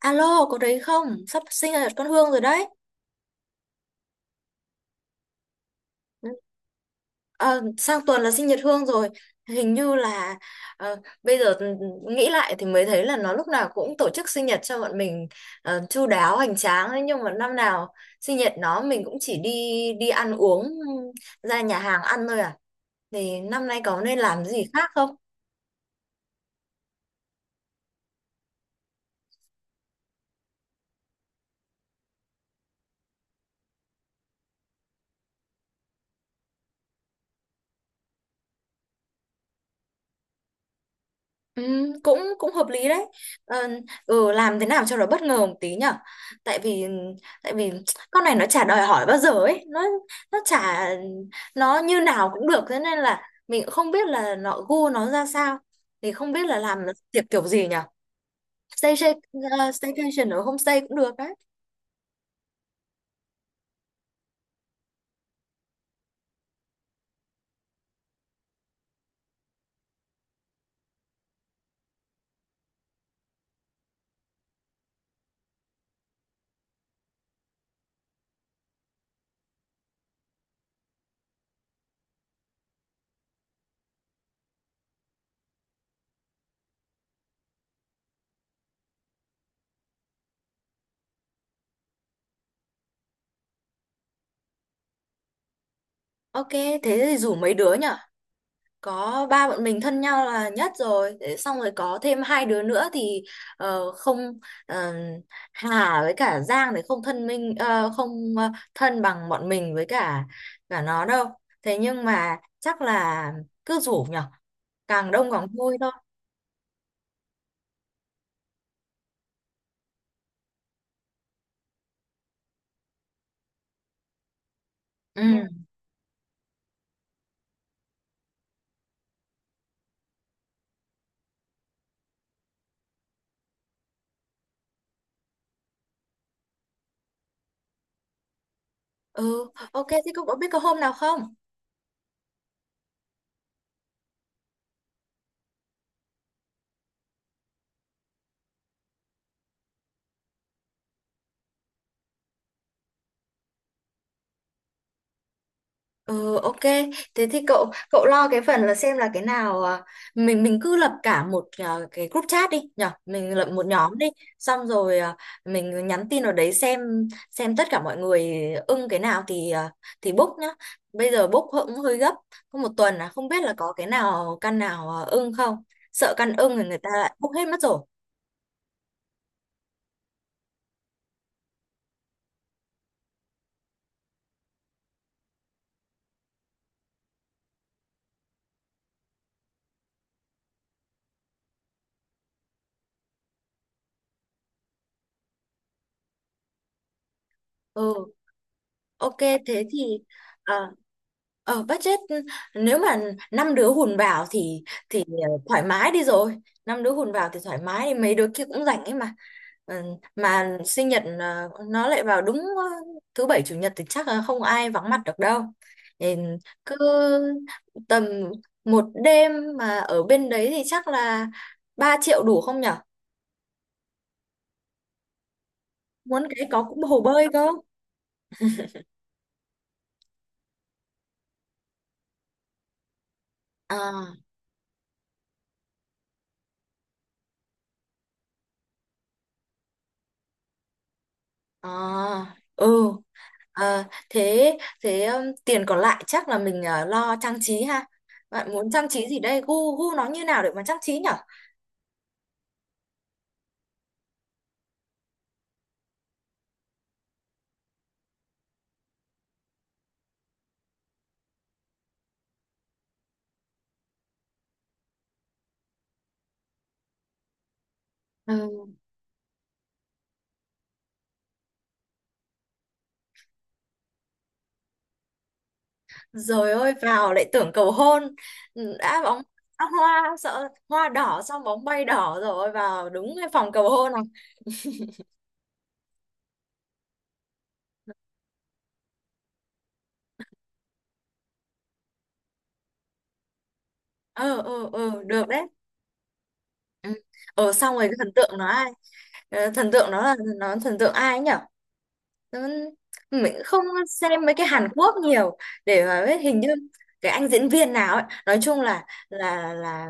Alo, có đấy không? Sắp sinh nhật con Hương rồi đấy. Ờ, sang tuần là sinh nhật Hương rồi. Hình như là ờ, bây giờ nghĩ lại thì mới thấy là nó lúc nào cũng tổ chức sinh nhật cho bọn mình, chu đáo hoành tráng ấy. Nhưng mà năm nào sinh nhật nó mình cũng chỉ đi đi ăn uống, ra nhà hàng ăn thôi à. Thì năm nay có nên làm gì khác không? Ừ, cũng cũng hợp lý đấy. ờ, làm thế nào cho nó bất ngờ một tí nhở, tại vì tại vì con này nó chả đòi hỏi bao giờ ấy, nó chả nó như nào cũng được, thế nên là mình cũng không biết là nó gu nó ra sao, thì không biết là làm tiệc kiểu gì nhở. Stay, stay, Staycation ở homestay cũng được đấy. Ok thế thì rủ mấy đứa nhở, có ba bọn mình thân nhau là nhất rồi. Thế xong rồi có thêm hai đứa nữa thì ờ, không ờ, Hà với cả Giang thì không thân minh ờ, không ờ, thân bằng bọn mình, với cả cả nó đâu. Thế nhưng mà chắc là cứ rủ nhở, càng đông càng vui thôi. ừ ừ ok thế cậu có biết có hôm nào không? Ừ, ok. Thế thì cậu cậu lo cái phần là xem là cái nào, mình cứ lập cả một, cái group chat đi nhở, mình lập một nhóm đi, xong rồi mình nhắn tin vào đấy xem tất cả mọi người ưng cái nào thì, thì book nhá. Bây giờ book cũng hơi gấp, có một tuần là không biết là có cái nào, căn nào ưng không, sợ căn ưng thì người ta lại book hết mất rồi. ừ Ok. Thế thì ờ, ờ, budget, nếu mà năm đứa hùn vào thì thì thoải mái đi rồi. Năm đứa hùn vào thì thoải mái, mấy đứa kia cũng rảnh ấy mà. Ờ, mà sinh nhật nó lại vào đúng thứ bảy chủ nhật thì chắc là không ai vắng mặt được đâu, thì cứ tầm một đêm mà ở bên đấy thì chắc là 3 triệu đủ không nhở? Muốn cái có cũng hồ bơi cơ. à, à ừ. Ờ, thế thế tiền còn lại chắc là mình lo trang trí ha. Bạn muốn trang trí gì đây? Gu gu nó như nào để mà trang trí nhở? Ừ. Rồi ôi vào lại tưởng cầu hôn. Ừ, đã bóng, đã hoa, sợ hoa đỏ xong bóng bay đỏ rồi vào đúng cái phòng cầu hôn này. Ờ ờ ờ, được đấy. Ừ. Ờ xong rồi cái thần tượng nó ai? Ờ, thần tượng nó là, nó thần tượng ai nhỉ? Nó- mình không xem mấy cái Hàn Quốc nhiều để mà biết, hình như cái anh diễn viên nào ấy, nói chung là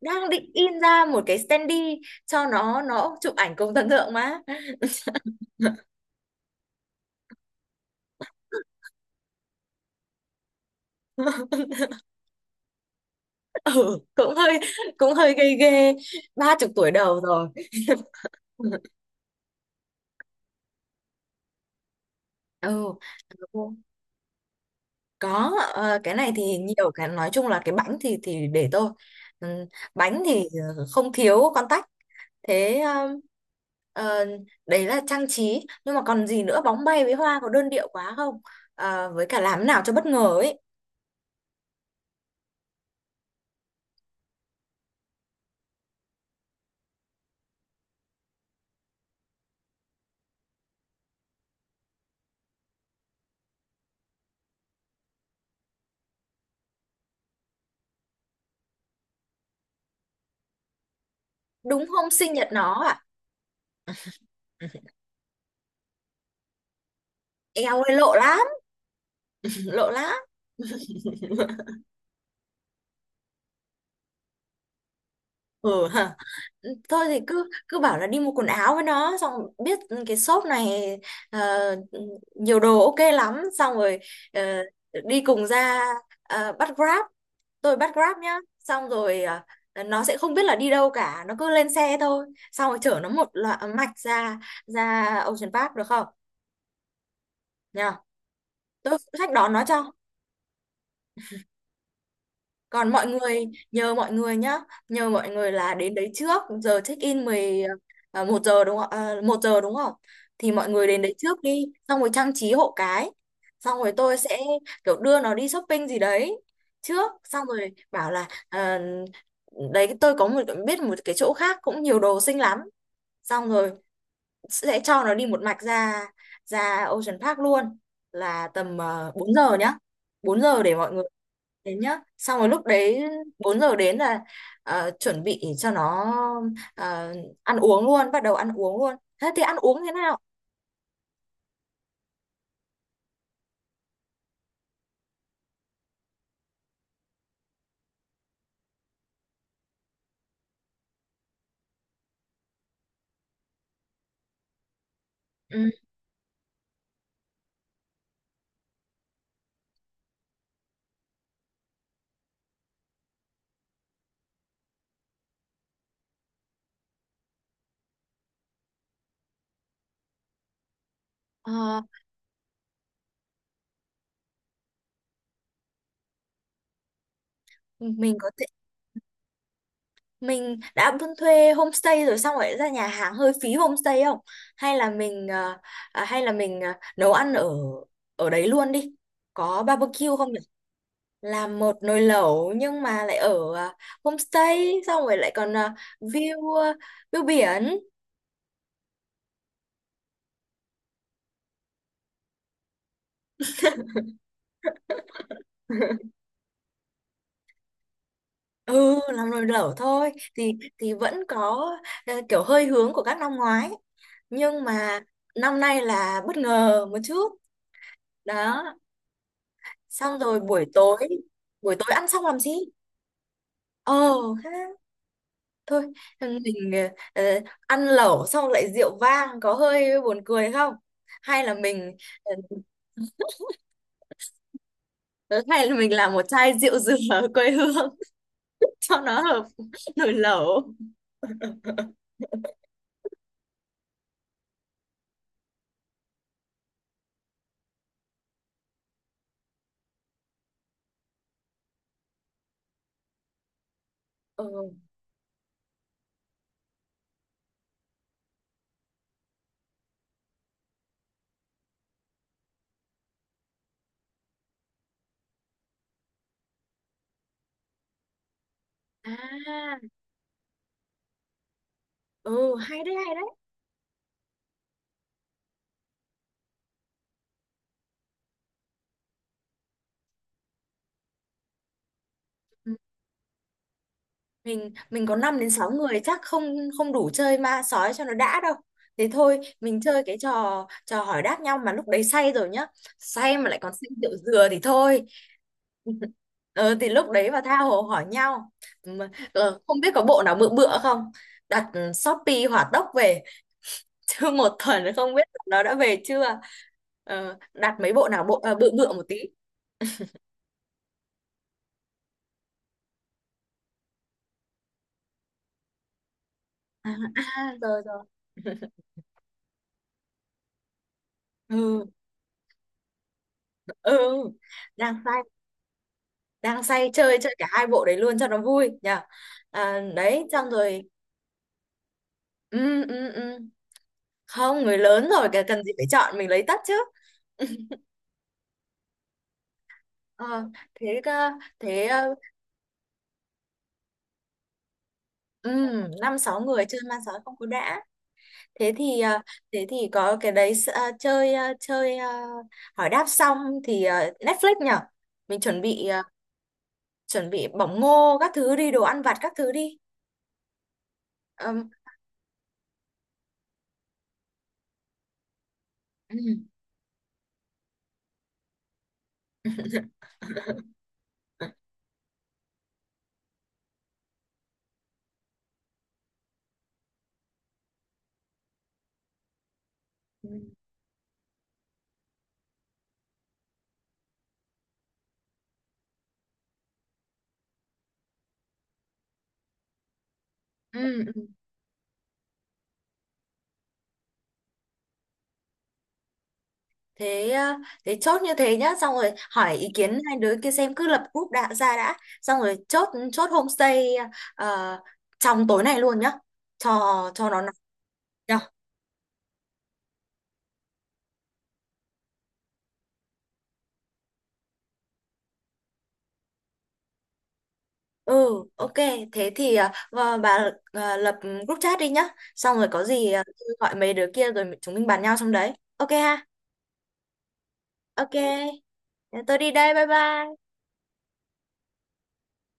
đang định in ra một cái standee cho nó chụp ảnh cùng thần tượng mà. Ừ cũng hơi, cũng hơi ghê ghê, 30 tuổi đầu rồi. Ừ có, cái này thì nhiều, cái nói chung là cái bánh thì để tôi. Ừ, bánh thì không thiếu con tách. Thế ờ, đấy là trang trí, nhưng mà còn gì nữa? Bóng bay với hoa có đơn điệu quá không? Ờ, với cả làm nào cho bất ngờ ấy. Đúng hôm sinh nhật nó à? Eo ơi lộ lắm, lộ lắm. Ừ. Ừ, thôi thì cứ cứ bảo là đi mua quần áo với nó, xong biết cái shop này ờ, nhiều đồ ok lắm, xong rồi ờ, đi cùng ra, bắt Grab, tôi bắt Grab nhá, xong rồi nó sẽ không biết là đi đâu cả, nó cứ lên xe thôi, xong rồi chở nó một loạt mạch ra, Ocean Park được không, nhờ tôi phụ trách đón nó cho. Còn mọi người, nhờ mọi người nhá, nhờ mọi người là đến đấy trước, giờ check in 10 1 giờ đúng không? À, 1 giờ đúng không? Thì mọi người đến đấy trước đi, xong rồi trang trí hộ cái. Xong rồi tôi sẽ kiểu đưa nó đi shopping gì đấy trước, xong rồi bảo là à, đấy tôi có một biết một cái chỗ khác cũng nhiều đồ xinh lắm. Xong rồi sẽ cho nó đi một mạch ra, Ocean Park luôn, là tầm 4 giờ nhá. Bốn giờ để mọi người đến nhá. Xong rồi lúc đấy 4 giờ đến là chuẩn bị cho nó ờ, ăn uống luôn, bắt đầu ăn uống luôn. Thế thì ăn uống thế nào? Ừ. Ờ, mình có thể, mình đã buôn thuê homestay rồi xong rồi ra nhà hàng hơi phí homestay không? Hay là mình nấu ăn ở ở đấy luôn đi. Có barbecue không nhỉ? Làm một nồi lẩu, nhưng mà lại ở homestay, xong rồi lại còn view ờ, view biển. Ừ làm nồi lẩu thôi thì vẫn có kiểu hơi hướng của các năm ngoái, nhưng mà năm nay là bất ngờ một chút đó. Xong rồi buổi tối, ăn xong làm gì? Ờ ha, thôi mình ờ, ờ, ăn lẩu xong lại rượu vang có hơi buồn cười không, hay là mình ờ, ờ, hay là mình làm một chai rượu dừa ở quê hương cho nó hợp nồi lẩu. ừ à ừ Hay đấy, hay đấy. Ừ. Mình có 5 đến 6 người chắc không, đủ chơi ma sói cho nó đã đâu. Thế thôi mình chơi cái trò trò hỏi đáp nhau, mà lúc đấy say rồi nhá, say mà lại còn say rượu dừa thì thôi. Ờ, thì lúc đấy mà tha hồ hỏi nhau. Mà, ờ, không biết có bộ nào bự bựa không, đặt Shopee hỏa tốc về, chứ một tuần không biết nó đã về chưa. Ờ, đặt mấy bộ nào, bự bựa một tí. À, à, rồi rồi. ừ ừ Đang say, chơi chơi cả hai bộ đấy luôn cho nó vui nhỉ. À, đấy xong rồi. Ừ, ừ, ừ. Không, người lớn rồi kìa, cần gì phải chọn, mình lấy tất chứ. Ờ, thế cơ- thế ờ, 5 6 người chơi ma sói không có đã. Thế thì ờ, thế thì có cái đấy, chơi hỏi đáp xong thì Netflix nhở. Mình chuẩn bị chuẩn bị bỏng ngô các thứ đi, đồ ăn vặt các thứ đi. Ừm, ừm. Ừm, ừm, thế ờ, thế chốt như thế nhá, xong rồi hỏi ý kiến hai đứa kia xem, cứ lập group đã ra đã, xong rồi chốt, chốt homestay ờ, trong tối nay luôn nhá, cho nó nóng nhá. ừ ok. Thế thì và bà lập group chat đi nhá, xong rồi có gì tôi gọi mấy đứa kia rồi chúng mình bàn nhau trong đấy, ok ha? Ok, tôi đi đây, bye bye.